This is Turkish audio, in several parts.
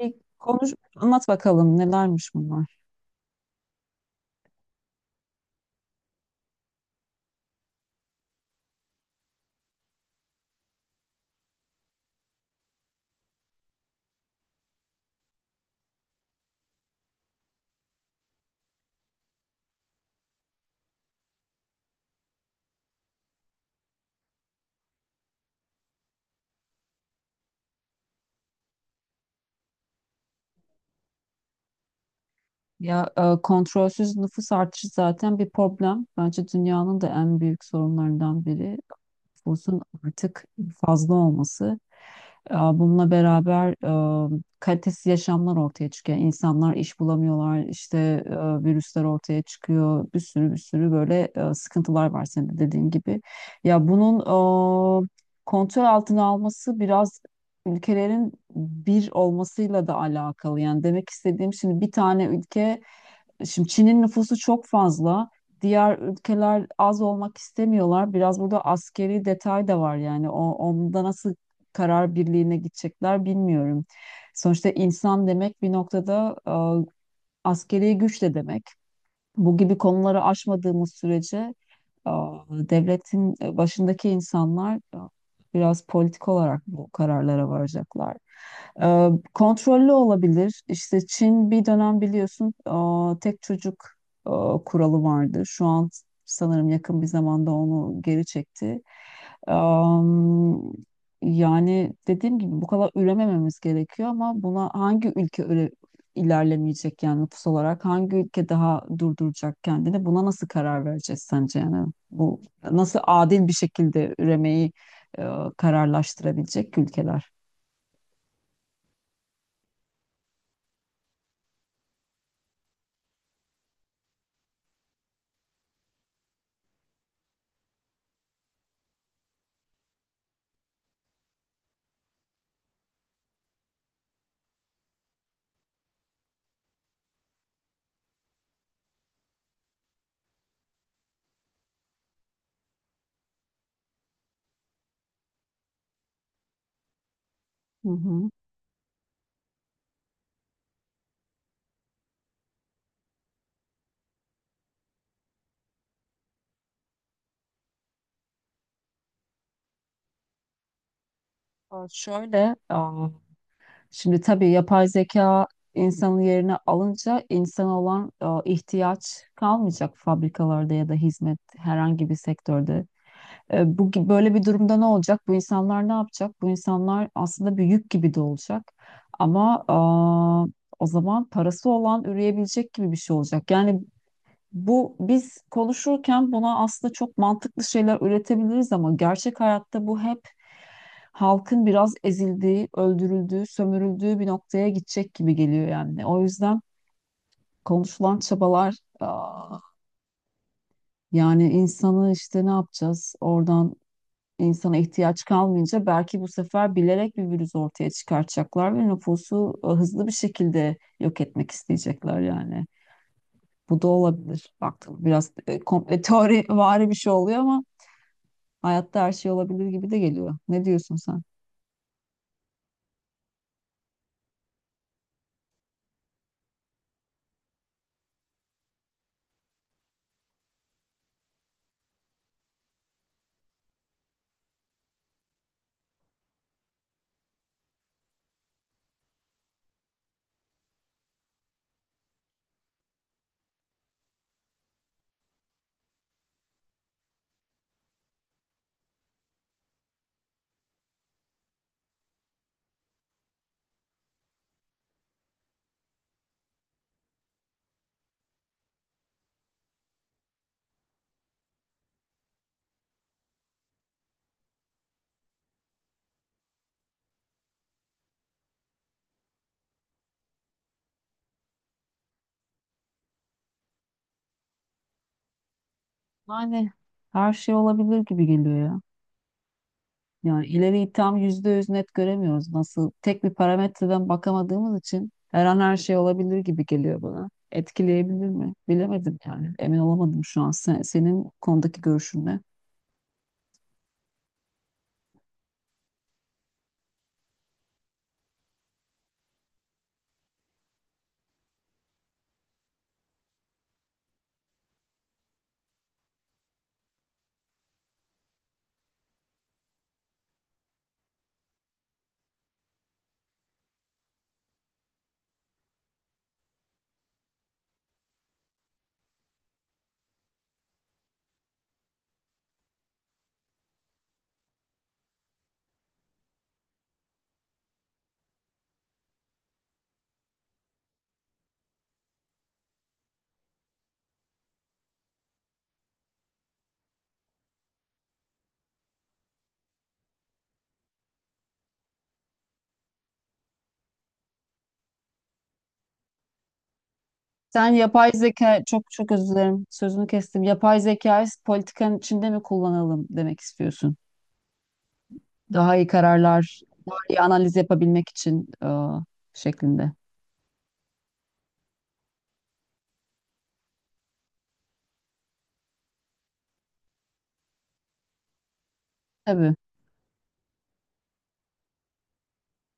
Bir konuş, anlat bakalım nelermiş bunlar? Kontrolsüz nüfus artışı zaten bir problem. Bence dünyanın da en büyük sorunlarından biri nüfusun artık fazla olması. Bununla beraber kalitesiz yaşamlar ortaya çıkıyor. İnsanlar iş bulamıyorlar, işte e, virüsler ortaya çıkıyor. Bir sürü böyle sıkıntılar var senin de dediğin gibi. Ya bunun e, kontrol altına alması biraz ülkelerin bir olmasıyla da alakalı. Yani demek istediğim şimdi bir tane ülke. Şimdi Çin'in nüfusu çok fazla. Diğer ülkeler az olmak istemiyorlar. Biraz burada askeri detay da var yani. Onda nasıl karar birliğine gidecekler bilmiyorum. Sonuçta insan demek bir noktada askeri güç de demek. Bu gibi konuları aşmadığımız sürece devletin başındaki insanlar biraz politik olarak bu kararlara varacaklar. Kontrollü olabilir. İşte Çin bir dönem biliyorsun tek çocuk kuralı vardı. Şu an sanırım yakın bir zamanda onu geri çekti. Am, Yani dediğim gibi bu kadar üremememiz gerekiyor ama buna hangi ülke öyle ilerlemeyecek, yani nüfus olarak hangi ülke daha durduracak kendini, buna nasıl karar vereceğiz sence? Yani bu nasıl adil bir şekilde üremeyi e, kararlaştırabilecek ülkeler? Hı hı. Şöyle, şimdi tabii yapay zeka insanın yerine alınca insan olan ihtiyaç kalmayacak fabrikalarda ya da hizmet herhangi bir sektörde. Böyle bir durumda ne olacak? Bu insanlar ne yapacak? Bu insanlar aslında bir yük gibi de olacak. Ama o zaman parası olan üreyebilecek gibi bir şey olacak. Yani bu biz konuşurken buna aslında çok mantıklı şeyler üretebiliriz ama gerçek hayatta bu hep halkın biraz ezildiği, öldürüldüğü, sömürüldüğü bir noktaya gidecek gibi geliyor yani. O yüzden konuşulan çabalar, yani insanı işte ne yapacağız? Oradan insana ihtiyaç kalmayınca belki bu sefer bilerek bir virüs ortaya çıkartacaklar ve nüfusu hızlı bir şekilde yok etmek isteyecekler yani. Bu da olabilir. Baktım biraz komple teori vari bir şey oluyor ama hayatta her şey olabilir gibi de geliyor. Ne diyorsun sen? Yani her şey olabilir gibi geliyor ya. Yani ileriyi tam yüzde yüz net göremiyoruz. Nasıl tek bir parametreden bakamadığımız için her an her şey olabilir gibi geliyor bana. Etkileyebilir mi? Bilemedim yani. Emin olamadım şu an. Senin bu konudaki görüşün ne? Sen yapay zeka çok çok özür dilerim sözünü kestim. Yapay zekayı politikanın içinde mi kullanalım demek istiyorsun? Daha iyi kararlar, daha iyi analiz yapabilmek için şeklinde. Tabii.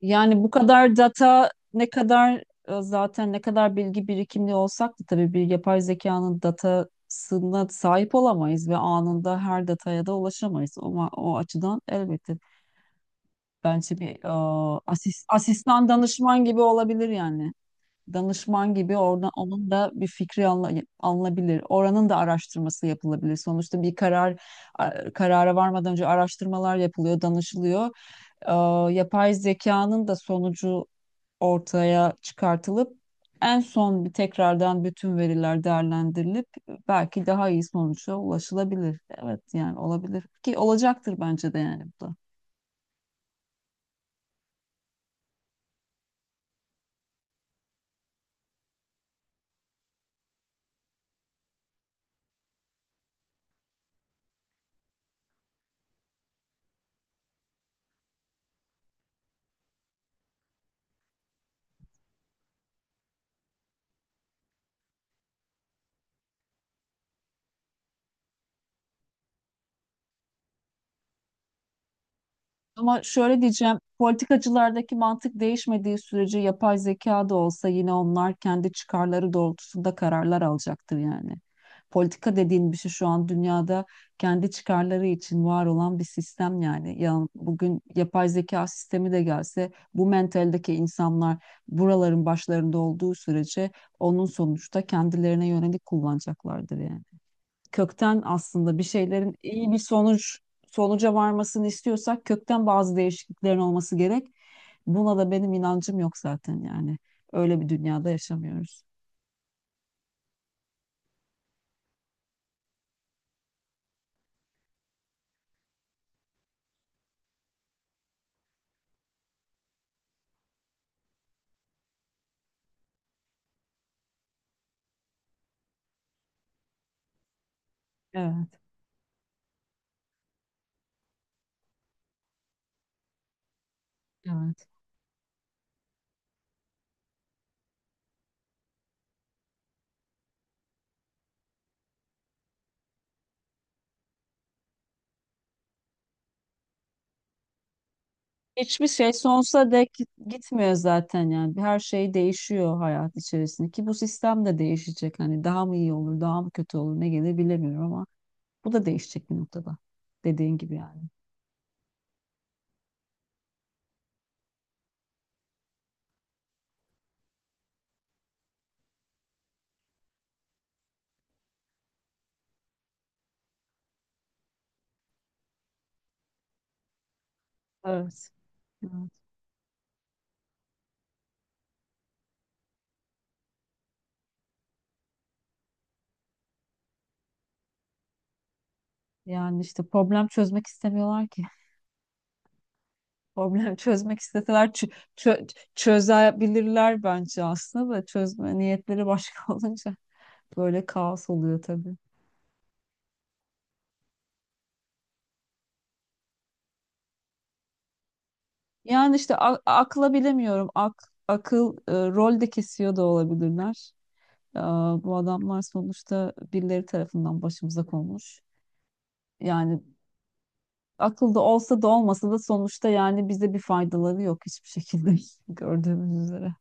Yani bu kadar data ne kadar zaten ne kadar bilgi birikimli olsak da tabii bir yapay zekanın datasına sahip olamayız ve anında her dataya da ulaşamayız. Ama o açıdan elbette bence bir, asistan danışman gibi olabilir yani, danışman gibi oradan onun da bir fikri alınabilir. Oranın da araştırması yapılabilir. Sonuçta bir karara varmadan önce araştırmalar yapılıyor, danışılıyor. Ee, Yapay zekanın da sonucu ortaya çıkartılıp en son bir tekrardan bütün veriler değerlendirilip belki daha iyi sonuca ulaşılabilir. Evet yani olabilir ki olacaktır bence de yani bu da. Ama şöyle diyeceğim, politikacılardaki mantık değişmediği sürece yapay zeka da olsa yine onlar kendi çıkarları doğrultusunda kararlar alacaktır yani. Politika dediğin bir şey şu an dünyada kendi çıkarları için var olan bir sistem yani. Ya bugün yapay zeka sistemi de gelse bu mentaldeki insanlar buraların başlarında olduğu sürece onun sonuçta kendilerine yönelik kullanacaklardır yani, kökten aslında bir şeylerin iyi bir sonuca varmasını istiyorsak kökten bazı değişikliklerin olması gerek. Buna da benim inancım yok zaten yani. Öyle bir dünyada yaşamıyoruz. Evet, evet. Hiçbir şey sonsuza dek gitmiyor zaten yani. Her şey değişiyor hayat içerisinde ki bu sistem de değişecek. Hani daha mı iyi olur, daha mı kötü olur, ne gelir bilemiyorum ama bu da değişecek bir noktada. Dediğin gibi yani. Evet. Evet. Yani işte problem çözmek istemiyorlar ki. Problem çözmek isteseler çözebilirler bence, aslında da çözme niyetleri başka olunca böyle kaos oluyor tabii. Yani işte akla bilemiyorum. Akıl rol de kesiyor da olabilirler. Bu adamlar sonuçta birileri tarafından başımıza konmuş. Yani akılda olsa da olmasa da sonuçta yani bize bir faydaları yok hiçbir şekilde gördüğümüz üzere.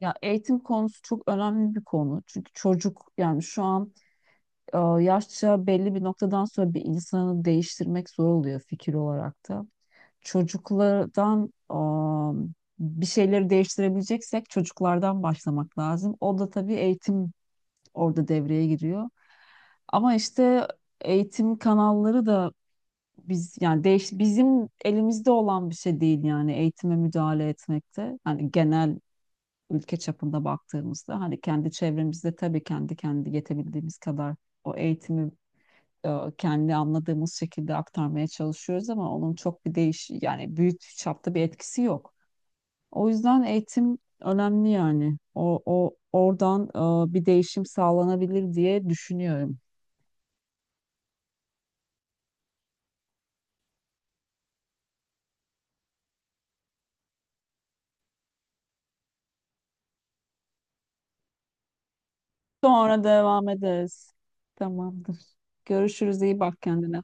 Ya eğitim konusu çok önemli bir konu. Çünkü çocuk yani şu an yaşça belli bir noktadan sonra bir insanı değiştirmek zor oluyor fikir olarak da. Çocuklardan bir şeyleri değiştirebileceksek çocuklardan başlamak lazım. O da tabii eğitim orada devreye giriyor. Ama işte eğitim kanalları da biz yani bizim elimizde olan bir şey değil yani eğitime müdahale etmekte. Hani genel ülke çapında baktığımızda hani kendi çevremizde tabii kendi yetebildiğimiz kadar o eğitimi e, kendi anladığımız şekilde aktarmaya çalışıyoruz ama onun çok bir yani büyük çapta bir etkisi yok. O yüzden eğitim önemli yani. O, o Oradan bir değişim sağlanabilir diye düşünüyorum. Sonra devam ederiz. Tamamdır. Görüşürüz. İyi bak kendine.